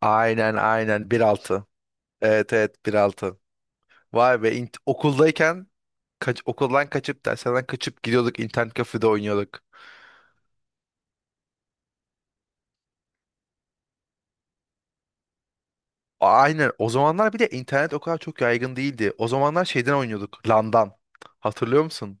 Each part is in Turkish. Aynen aynen 1.6. Evet evet 1.6. Vay be, okuldayken okuldan kaçıp derslerden kaçıp gidiyorduk internet kafede oynuyorduk. Aynen o zamanlar bir de internet o kadar çok yaygın değildi. O zamanlar şeyden oynuyorduk LAN'dan. Hatırlıyor musun?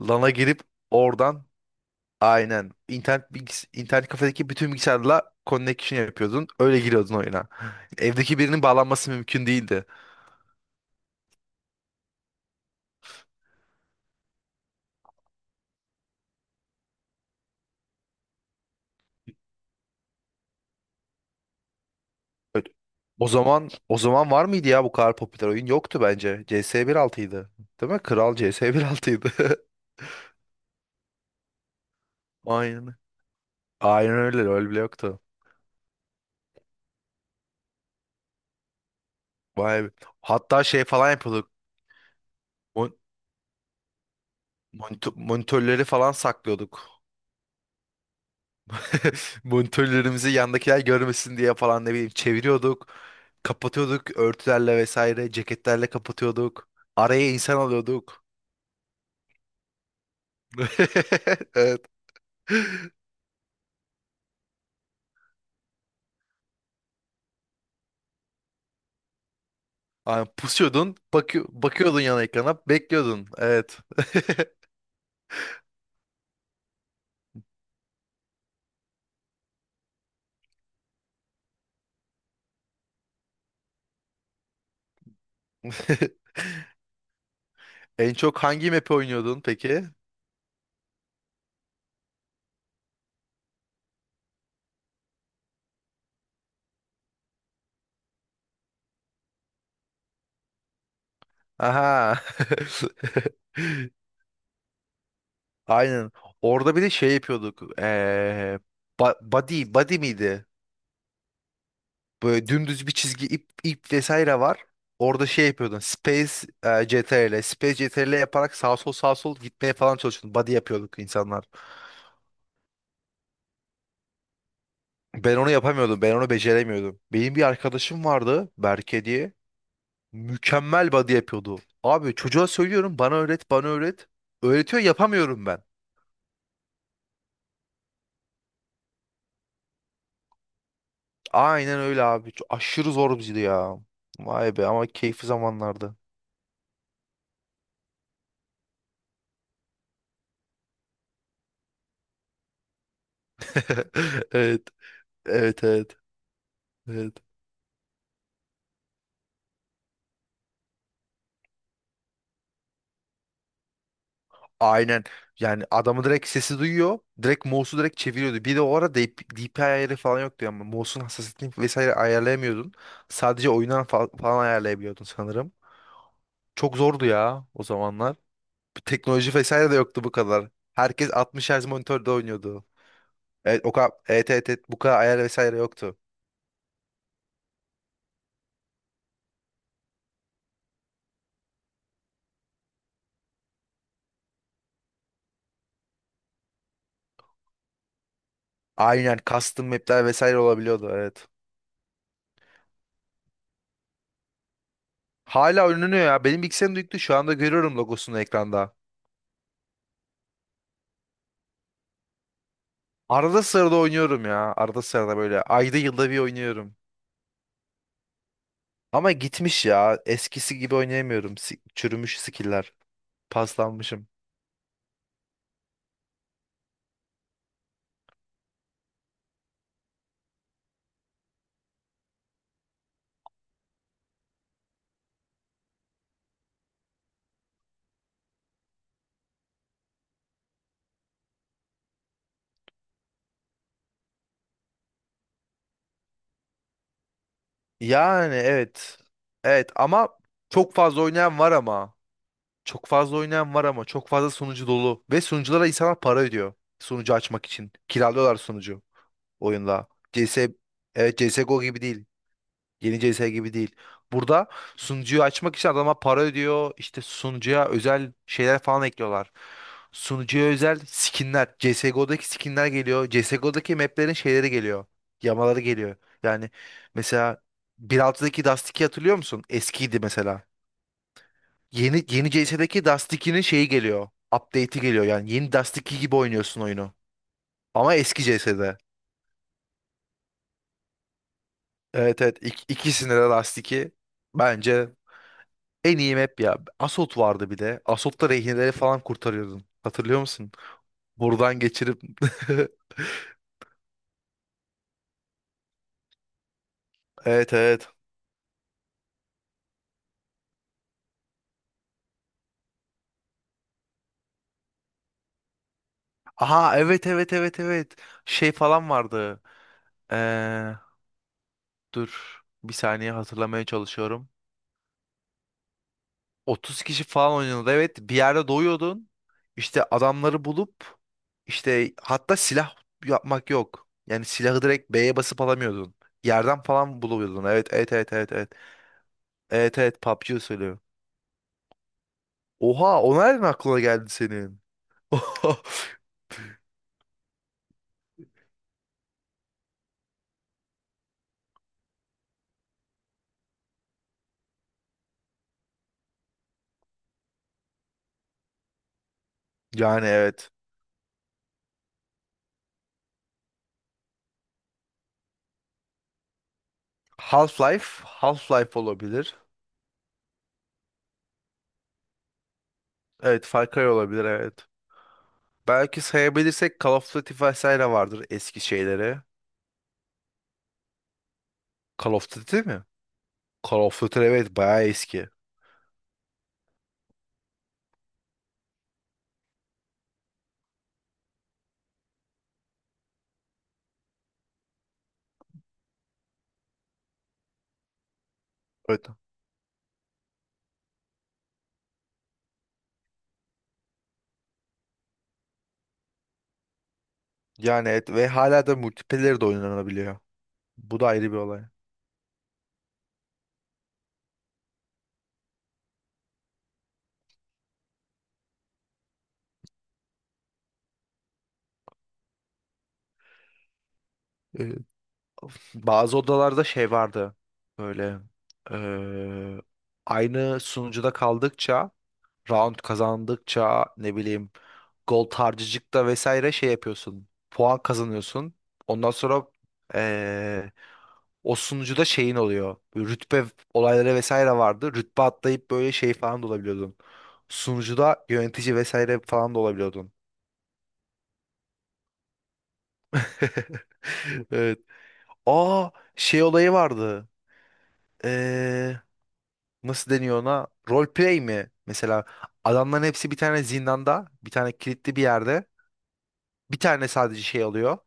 LAN'a girip oradan aynen internet internet kafedeki bütün bilgisayarla connection yapıyordun. Öyle giriyordun oyuna. Evdeki birinin bağlanması mümkün değildi. Evet. O zaman var mıydı ya bu kadar popüler oyun? Yoktu bence. CS 1.6'ydı. Değil mi? Kral CS 1.6'ydı. Aynen. Aynen öyle. Öyle bile yoktu. Vay be. Hatta şey falan yapıyorduk. Mon- monitörleri falan saklıyorduk. Monitörlerimizi yandakiler görmesin diye falan ne bileyim çeviriyorduk. Kapatıyorduk örtülerle vesaire. Ceketlerle kapatıyorduk. Araya insan alıyorduk. Evet. Aynen pusuyordun, bakıyordun yana ekrana, bekliyordun. Evet. En çok hangi map'i oynuyordun peki? Aha. Aynen. Orada bir de şey yapıyorduk. Body miydi? Böyle dümdüz bir çizgi ip vesaire var. Orada şey yapıyordun. Space CTRL, Space CTRL yaparak sağ sol sağ sol gitmeye falan çalışıyordun. Body yapıyorduk insanlar. Ben onu yapamıyordum. Ben onu beceremiyordum. Benim bir arkadaşım vardı. Berke diye. Mükemmel body yapıyordu. Abi çocuğa söylüyorum bana öğret bana öğret. Öğretiyor yapamıyorum ben. Aynen öyle abi. Çok aşırı zor bizdi ya. Vay be ama keyifli zamanlardı. Evet. Evet evet. Evet. Aynen. Yani adamı direkt sesi duyuyor. Direkt mouse'u direkt çeviriyordu. Bir de o ara DPI ayarı falan yoktu ama mouse'un hassasiyetini vesaire ayarlayamıyordun. Sadece oyundan falan ayarlayabiliyordun sanırım. Çok zordu ya o zamanlar. Teknoloji vesaire de yoktu bu kadar. Herkes 60 Hz monitörde oynuyordu. Evet o kadar evet evet, evet, bu kadar ayar vesaire yoktu. Aynen custom map'ler vesaire olabiliyordu evet. Hala oynanıyor ya. Benim bilgisayarım yüklü şu anda görüyorum logosunu ekranda. Arada sırada oynuyorum ya. Arada sırada böyle ayda yılda bir oynuyorum. Ama gitmiş ya. Eskisi gibi oynayamıyorum. Çürümüş skill'ler. Paslanmışım. Yani evet. Evet ama çok fazla oynayan var ama. Çok fazla oynayan var ama çok fazla sunucu dolu. Ve sunuculara insanlar para ödüyor. Sunucu açmak için. Kiralıyorlar sunucu oyunla. CS, evet CSGO gibi değil. Yeni CS gibi değil. Burada sunucuyu açmak için adama para ödüyor. İşte sunucuya özel şeyler falan ekliyorlar. Sunucuya özel skinler. CSGO'daki skinler geliyor. CSGO'daki maplerin şeyleri geliyor. Yamaları geliyor. Yani mesela 1.6'daki Dust 2 hatırlıyor musun? Eskiydi mesela. Yeni CS'deki Dust 2'nin şeyi geliyor. Update'i geliyor yani. Yeni Dust 2 gibi oynuyorsun oyunu. Ama eski CS'de. Evet evet ikisinde de Dust 2 bence en iyi map ya. Assault vardı bir de. Assault'ta rehineleri falan kurtarıyordun. Hatırlıyor musun? Buradan geçirip Evet evet. Aha evet evet evet evet. Şey falan vardı. Ee, dur bir saniye hatırlamaya çalışıyorum. 30 kişi falan oynuyordu. Evet bir yerde doyuyordun. İşte adamları bulup işte hatta silah yapmak yok. Yani silahı direkt B'ye basıp alamıyordun. Yerden falan buluyordun. Evet evet evet evet evet. Evet evet PUBG söylüyor. Oha o nereden aklına geldi senin? Yani evet. Half-Life olabilir. Evet Far Cry olabilir evet. Belki sayabilirsek Call of Duty vesaire vardır eski şeyleri. Call of Duty mi? Call of Duty evet bayağı eski. Evet. Yani et ve hala da multiplayer de oynanabiliyor. Bu da ayrı bir olay. Evet. Bazı odalarda şey vardı. Böyle eee, aynı sunucuda kaldıkça, round kazandıkça ne bileyim gol tarcıcıkta vesaire şey yapıyorsun. Puan kazanıyorsun. Ondan sonra eee o sunucuda şeyin oluyor. Böyle rütbe olayları vesaire vardı. Rütbe atlayıp böyle şey falan da olabiliyordun. Sunucuda yönetici vesaire falan da olabiliyordun. Evet. Aa, şey olayı vardı. Ee, nasıl deniyor ona? Roleplay mi? Mesela adamların hepsi bir tane zindanda, bir tane kilitli bir yerde. Bir tane sadece şey alıyor.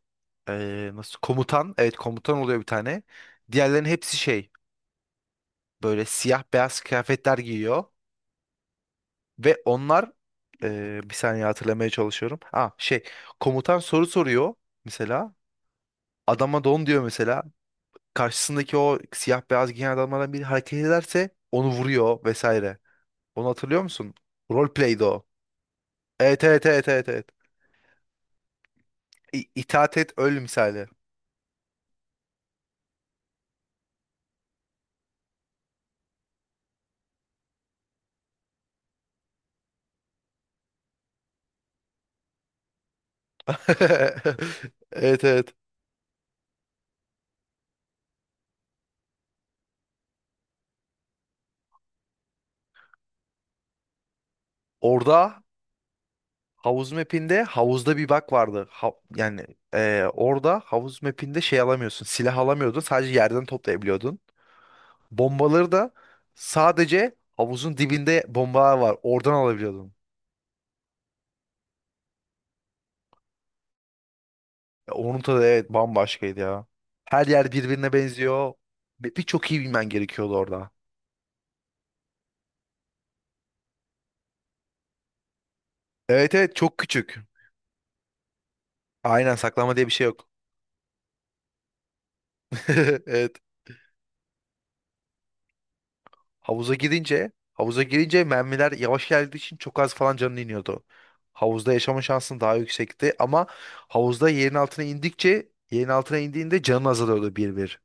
Nasıl komutan? Evet komutan oluyor bir tane. Diğerlerinin hepsi şey böyle siyah beyaz kıyafetler giyiyor ve onlar bir saniye hatırlamaya çalışıyorum. Ha şey komutan soru soruyor mesela. Adama don diyor mesela. Karşısındaki o siyah beyaz giyen adamlardan biri hareket ederse onu vuruyor vesaire. Onu hatırlıyor musun? Roleplay'di o. Evet evet evet evet evet. İtaat et öl misali. Evet evet. Orada havuz mapinde havuzda bir bug vardı. Yani, orada havuz mapinde şey alamıyorsun. Silah alamıyordun. Sadece yerden toplayabiliyordun. Bombaları da sadece havuzun dibinde bombalar var. Oradan alabiliyordun. Onun tadı evet bambaşkaydı ya. Her yer birbirine benziyor. Ve birçok iyi bilmen gerekiyordu orada. Evet evet çok küçük. Aynen saklama diye bir şey yok. Evet. Havuza girince mermiler yavaş geldiği için çok az falan canın iniyordu. Havuzda yaşama şansın daha yüksekti ama havuzda yerin altına indikçe yerin altına indiğinde canın azalıyordu bir bir.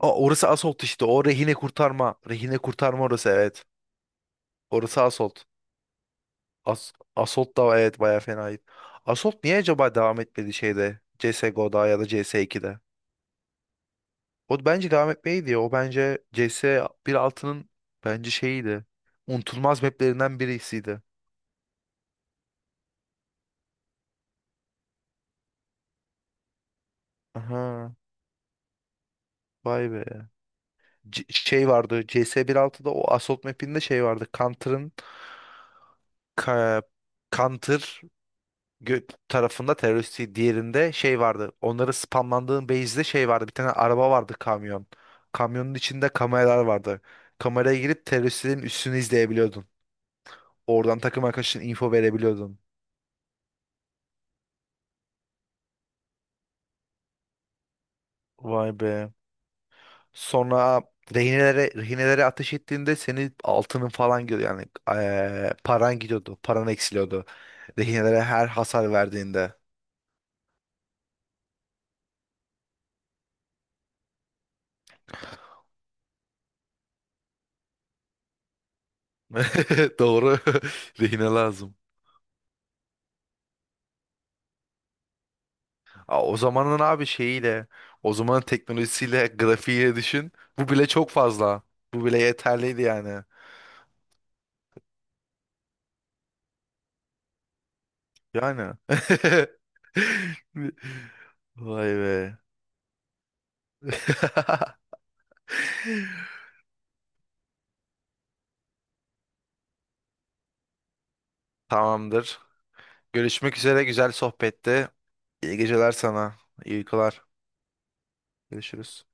Aa, orası Assault işte o rehine kurtarma. Rehine kurtarma orası evet. Orası Assault. Assault da evet bayağı fenaydı. Assault niye acaba devam etmedi şeyde CSGO'da ya da CS2'de? O bence devam etmeydi. O bence C S 1.6'nın bence şeyiydi. Unutulmaz maplerinden birisiydi. Aha vay be. Şey vardı C S 1.6'da o Assault mapinde şey vardı. Counter'ın ka- Counter tarafında teröristi diğerinde şey vardı. Onları spamlandığın base'de şey vardı. Bir tane araba vardı kamyon. Kamyonun içinde kameralar vardı. Kameraya girip teröristlerin üstünü izleyebiliyordun. Oradan takım arkadaşına info verebiliyordun. Vay be. Sonra rehinelere ateş ettiğinde senin altının falan gidiyor yani paran gidiyordu, paran eksiliyordu. Rehinelere her hasar verdiğinde. Doğru. Rehine lazım. Aa, o zamanın abi şeyiyle, o zamanın teknolojisiyle, grafiğiyle düşün. Bu bile çok fazla. Bu bile yeterliydi yani. Yani. Vay be. Tamamdır. Görüşmek üzere. Güzel sohbetti. İyi geceler sana. İyi uykular. Görüşürüz.